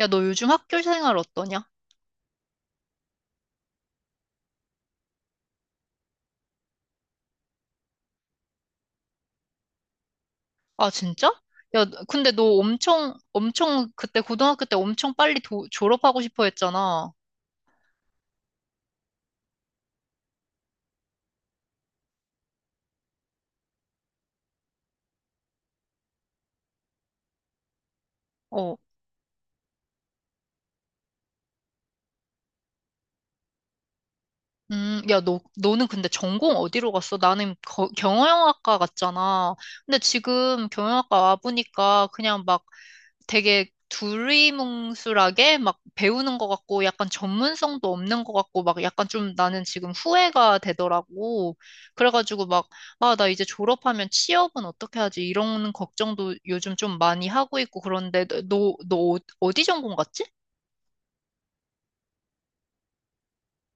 야, 너 요즘 학교 생활 어떠냐? 아, 진짜? 야, 근데 너 엄청 그때 고등학교 때 엄청 빨리 졸업하고 싶어 했잖아. 어, 야, 너는 근데 전공 어디로 갔어? 나는 경영학과 갔잖아. 근데 지금 경영학과 와보니까 그냥 막 되게 두리뭉술하게 막 배우는 것 같고 약간 전문성도 없는 것 같고 막 약간 좀 나는 지금 후회가 되더라고. 그래가지고 막, 아, 나 이제 졸업하면 취업은 어떻게 하지? 이런 걱정도 요즘 좀 많이 하고 있고 그런데 너 어디 전공 갔지?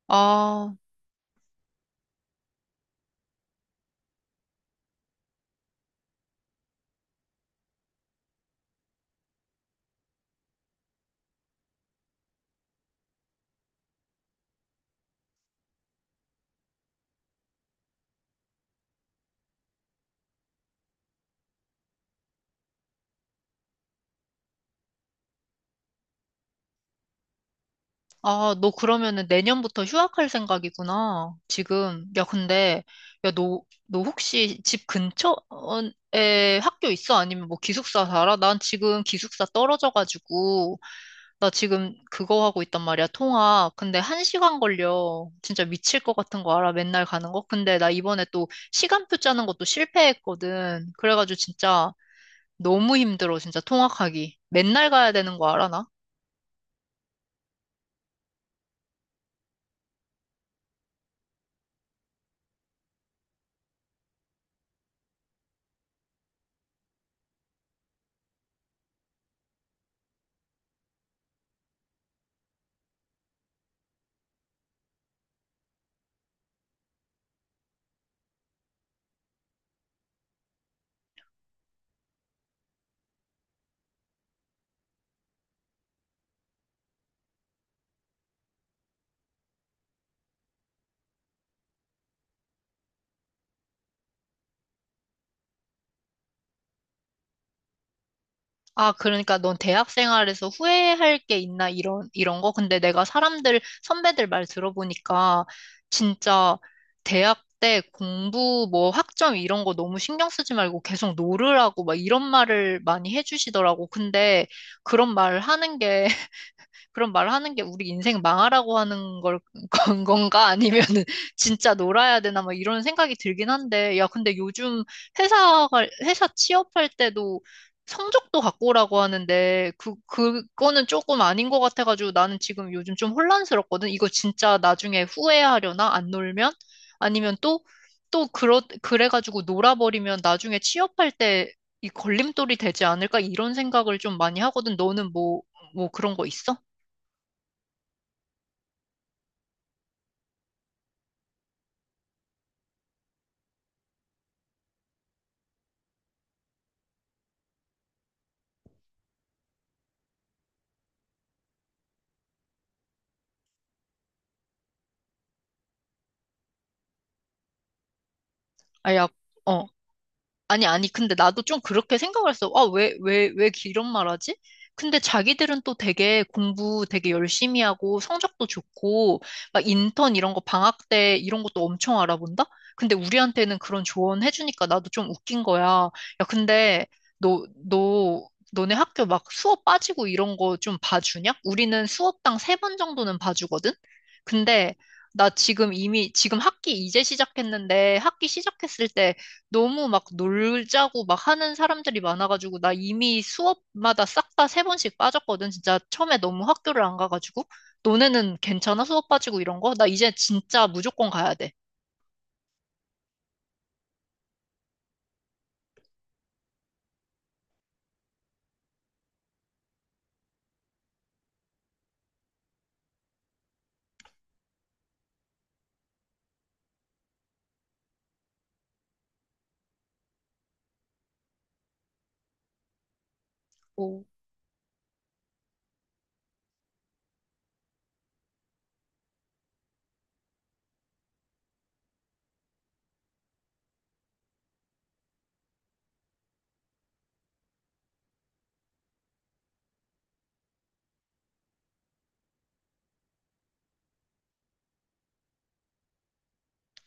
아, 아, 너 그러면은 내년부터 휴학할 생각이구나. 지금. 야, 근데, 야, 너 혹시 집 근처에 학교 있어? 아니면 뭐 기숙사 살아? 난 지금 기숙사 떨어져가지고, 나 지금 그거 하고 있단 말이야, 통학. 근데 1시간 걸려. 진짜 미칠 것 같은 거 알아? 맨날 가는 거? 근데 나 이번에 또 시간표 짜는 것도 실패했거든. 그래가지고 진짜 너무 힘들어, 진짜 통학하기. 맨날 가야 되는 거 알아, 나? 아, 그러니까 넌 대학 생활에서 후회할 게 있나 이런 거? 근데 내가 사람들 선배들 말 들어보니까 진짜 대학 때 공부 뭐 학점 이런 거 너무 신경 쓰지 말고 계속 놀으라고 막 이런 말을 많이 해주시더라고. 근데 그런 말 하는 게 그런 말 하는 게 우리 인생 망하라고 하는 걸, 건 건가? 아니면은 진짜 놀아야 되나? 막 이런 생각이 들긴 한데, 야, 근데 요즘 회사가, 회사 취업할 때도 성적도 갖고 오라고 하는데, 그, 그거는 조금 아닌 것 같아가지고 나는 지금 요즘 좀 혼란스럽거든? 이거 진짜 나중에 후회하려나? 안 놀면? 아니면 또, 또, 그래가지고 놀아버리면 나중에 취업할 때 이 걸림돌이 되지 않을까? 이런 생각을 좀 많이 하거든. 너는 뭐, 뭐 그런 거 있어? 아, 야, 어. 아니, 아니, 근데 나도 좀 그렇게 생각을 했어. 아, 왜, 왜 이런 말 하지? 근데 자기들은 또 되게 공부 되게 열심히 하고 성적도 좋고, 막 인턴 이런 거 방학 때 이런 것도 엄청 알아본다? 근데 우리한테는 그런 조언 해주니까 나도 좀 웃긴 거야. 야, 근데 너, 너, 너네 학교 막 수업 빠지고 이런 거 좀 봐주냐? 우리는 수업당 3번 정도는 봐주거든? 근데 나 지금 이미, 지금 학기 이제 시작했는데 학기 시작했을 때 너무 막 놀자고 막 하는 사람들이 많아가지고 나 이미 수업마다 싹 다 3번씩 빠졌거든. 진짜 처음에 너무 학교를 안 가가지고 너네는 괜찮아? 수업 빠지고 이런 거? 나 이제 진짜 무조건 가야 돼. 오,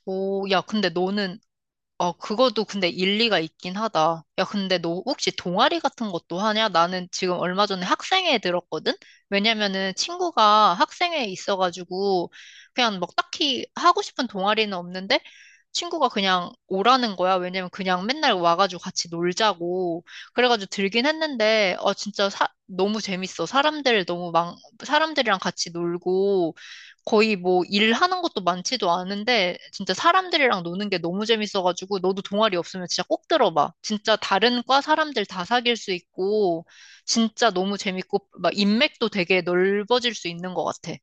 오, 야, 근데 너는 어, 그것도 근데 일리가 있긴 하다. 야, 근데 너 혹시 동아리 같은 것도 하냐? 나는 지금 얼마 전에 학생회에 들었거든? 왜냐면은 친구가 학생회에 있어가지고 그냥 막 딱히 하고 싶은 동아리는 없는데 친구가 그냥 오라는 거야. 왜냐면 그냥 맨날 와가지고 같이 놀자고. 그래가지고 들긴 했는데, 어, 진짜 너무 재밌어. 사람들 너무 막, 사람들이랑 같이 놀고. 거의 뭐 일하는 것도 많지도 않은데 진짜 사람들이랑 노는 게 너무 재밌어가지고 너도 동아리 없으면 진짜 꼭 들어봐. 진짜 다른 과 사람들 다 사귈 수 있고 진짜 너무 재밌고 막 인맥도 되게 넓어질 수 있는 것 같아.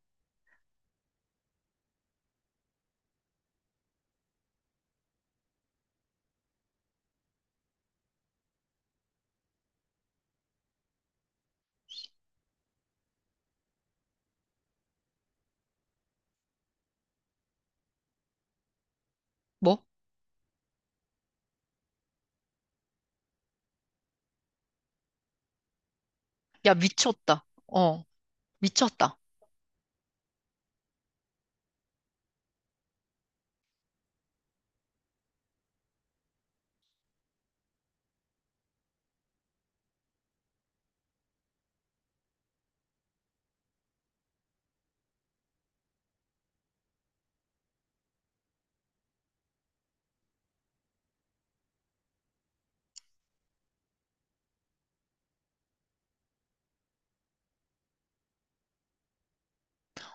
뭐? 야, 미쳤다. 어, 미쳤다.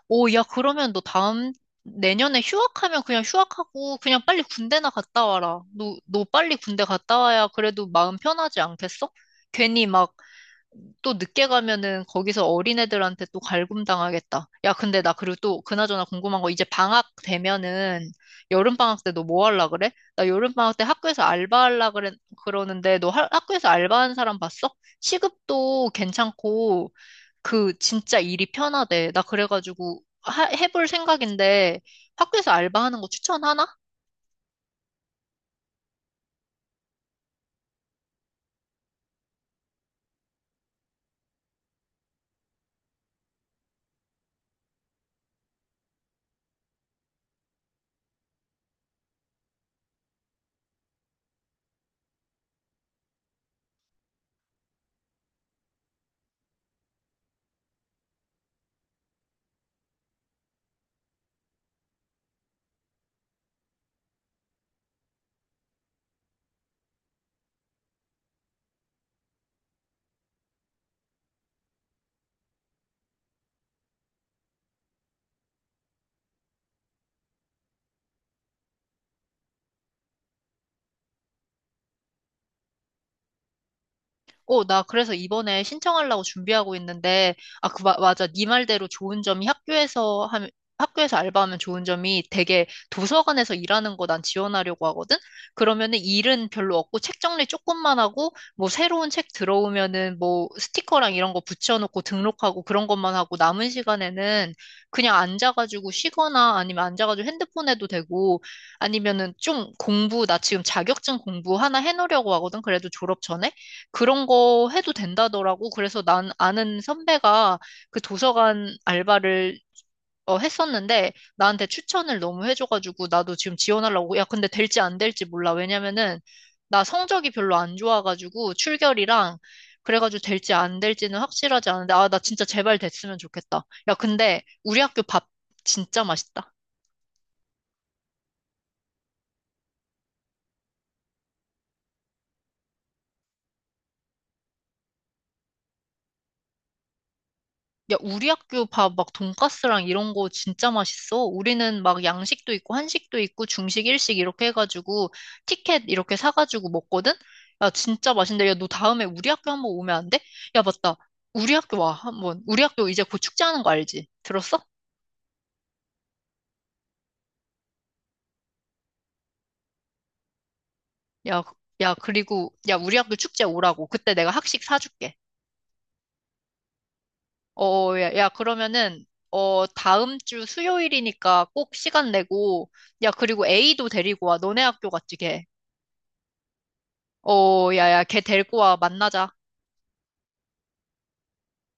오, 야, 그러면 너 다음 내년에 휴학하면 그냥 휴학하고 그냥 빨리 군대나 갔다 와라. 너 빨리 군대 갔다 와야 그래도 마음 편하지 않겠어? 괜히 막 또 늦게 가면은 거기서 어린애들한테 또 갈굼당하겠다. 야, 근데 나 그리고 또 그나저나 궁금한 거 이제 방학 되면은 여름방학 때 너 뭐 할라 그래? 나 여름방학 때 학교에서 알바할라 그래, 그러는데 너 학교에서 알바한 사람 봤어? 시급도 괜찮고 그 진짜 일이 편하대. 나 그래가지고 해볼 생각인데 학교에서 알바하는 거 추천하나? 어, 나 그래서 이번에 신청하려고 준비하고 있는데, 아, 그, 맞아. 네 말대로 좋은 점이 학교에서 하면, 학교에서 알바하면 좋은 점이 되게 도서관에서 일하는 거 난 지원하려고 하거든? 그러면은 일은 별로 없고 책 정리 조금만 하고, 뭐 새로운 책 들어오면은 뭐 스티커랑 이런 거 붙여놓고 등록하고 그런 것만 하고 남은 시간에는 그냥 앉아가지고 쉬거나 아니면 앉아가지고 핸드폰 해도 되고, 아니면은 좀 공부, 나 지금 자격증 공부 하나 해놓으려고 하거든? 그래도 졸업 전에? 그런 거 해도 된다더라고. 그래서 난 아는 선배가 그 도서관 알바를 어, 했었는데 나한테 추천을 너무 해줘가지고 나도 지금 지원하려고. 야, 근데 될지 안 될지 몰라. 왜냐면은 나 성적이 별로 안 좋아가지고 출결이랑 그래가지고 될지 안 될지는 확실하지 않은데 아, 나 진짜 제발 됐으면 좋겠다. 야, 근데 우리 학교 밥 진짜 맛있다. 야, 우리 학교 밥 막 돈가스랑 이런 거 진짜 맛있어. 우리는 막 양식도 있고 한식도 있고 중식, 일식 이렇게 해가지고 티켓 이렇게 사가지고 먹거든? 야, 진짜 맛있는데. 야, 너 다음에 우리 학교 한번 오면 안 돼? 야, 맞다. 우리 학교 와, 한번. 우리 학교 이제 곧 축제하는 거 알지? 들었어? 야, 야, 그리고, 야, 우리 학교 축제 오라고. 그때 내가 학식 사줄게. 어, 어, 야, 야, 그러면은, 어, 다음 주 수요일이니까 꼭 시간 내고, 야, 그리고 A도 데리고 와. 너네 학교 같지, 걔. 어, 야야, 걔 데리고 와, 만나자.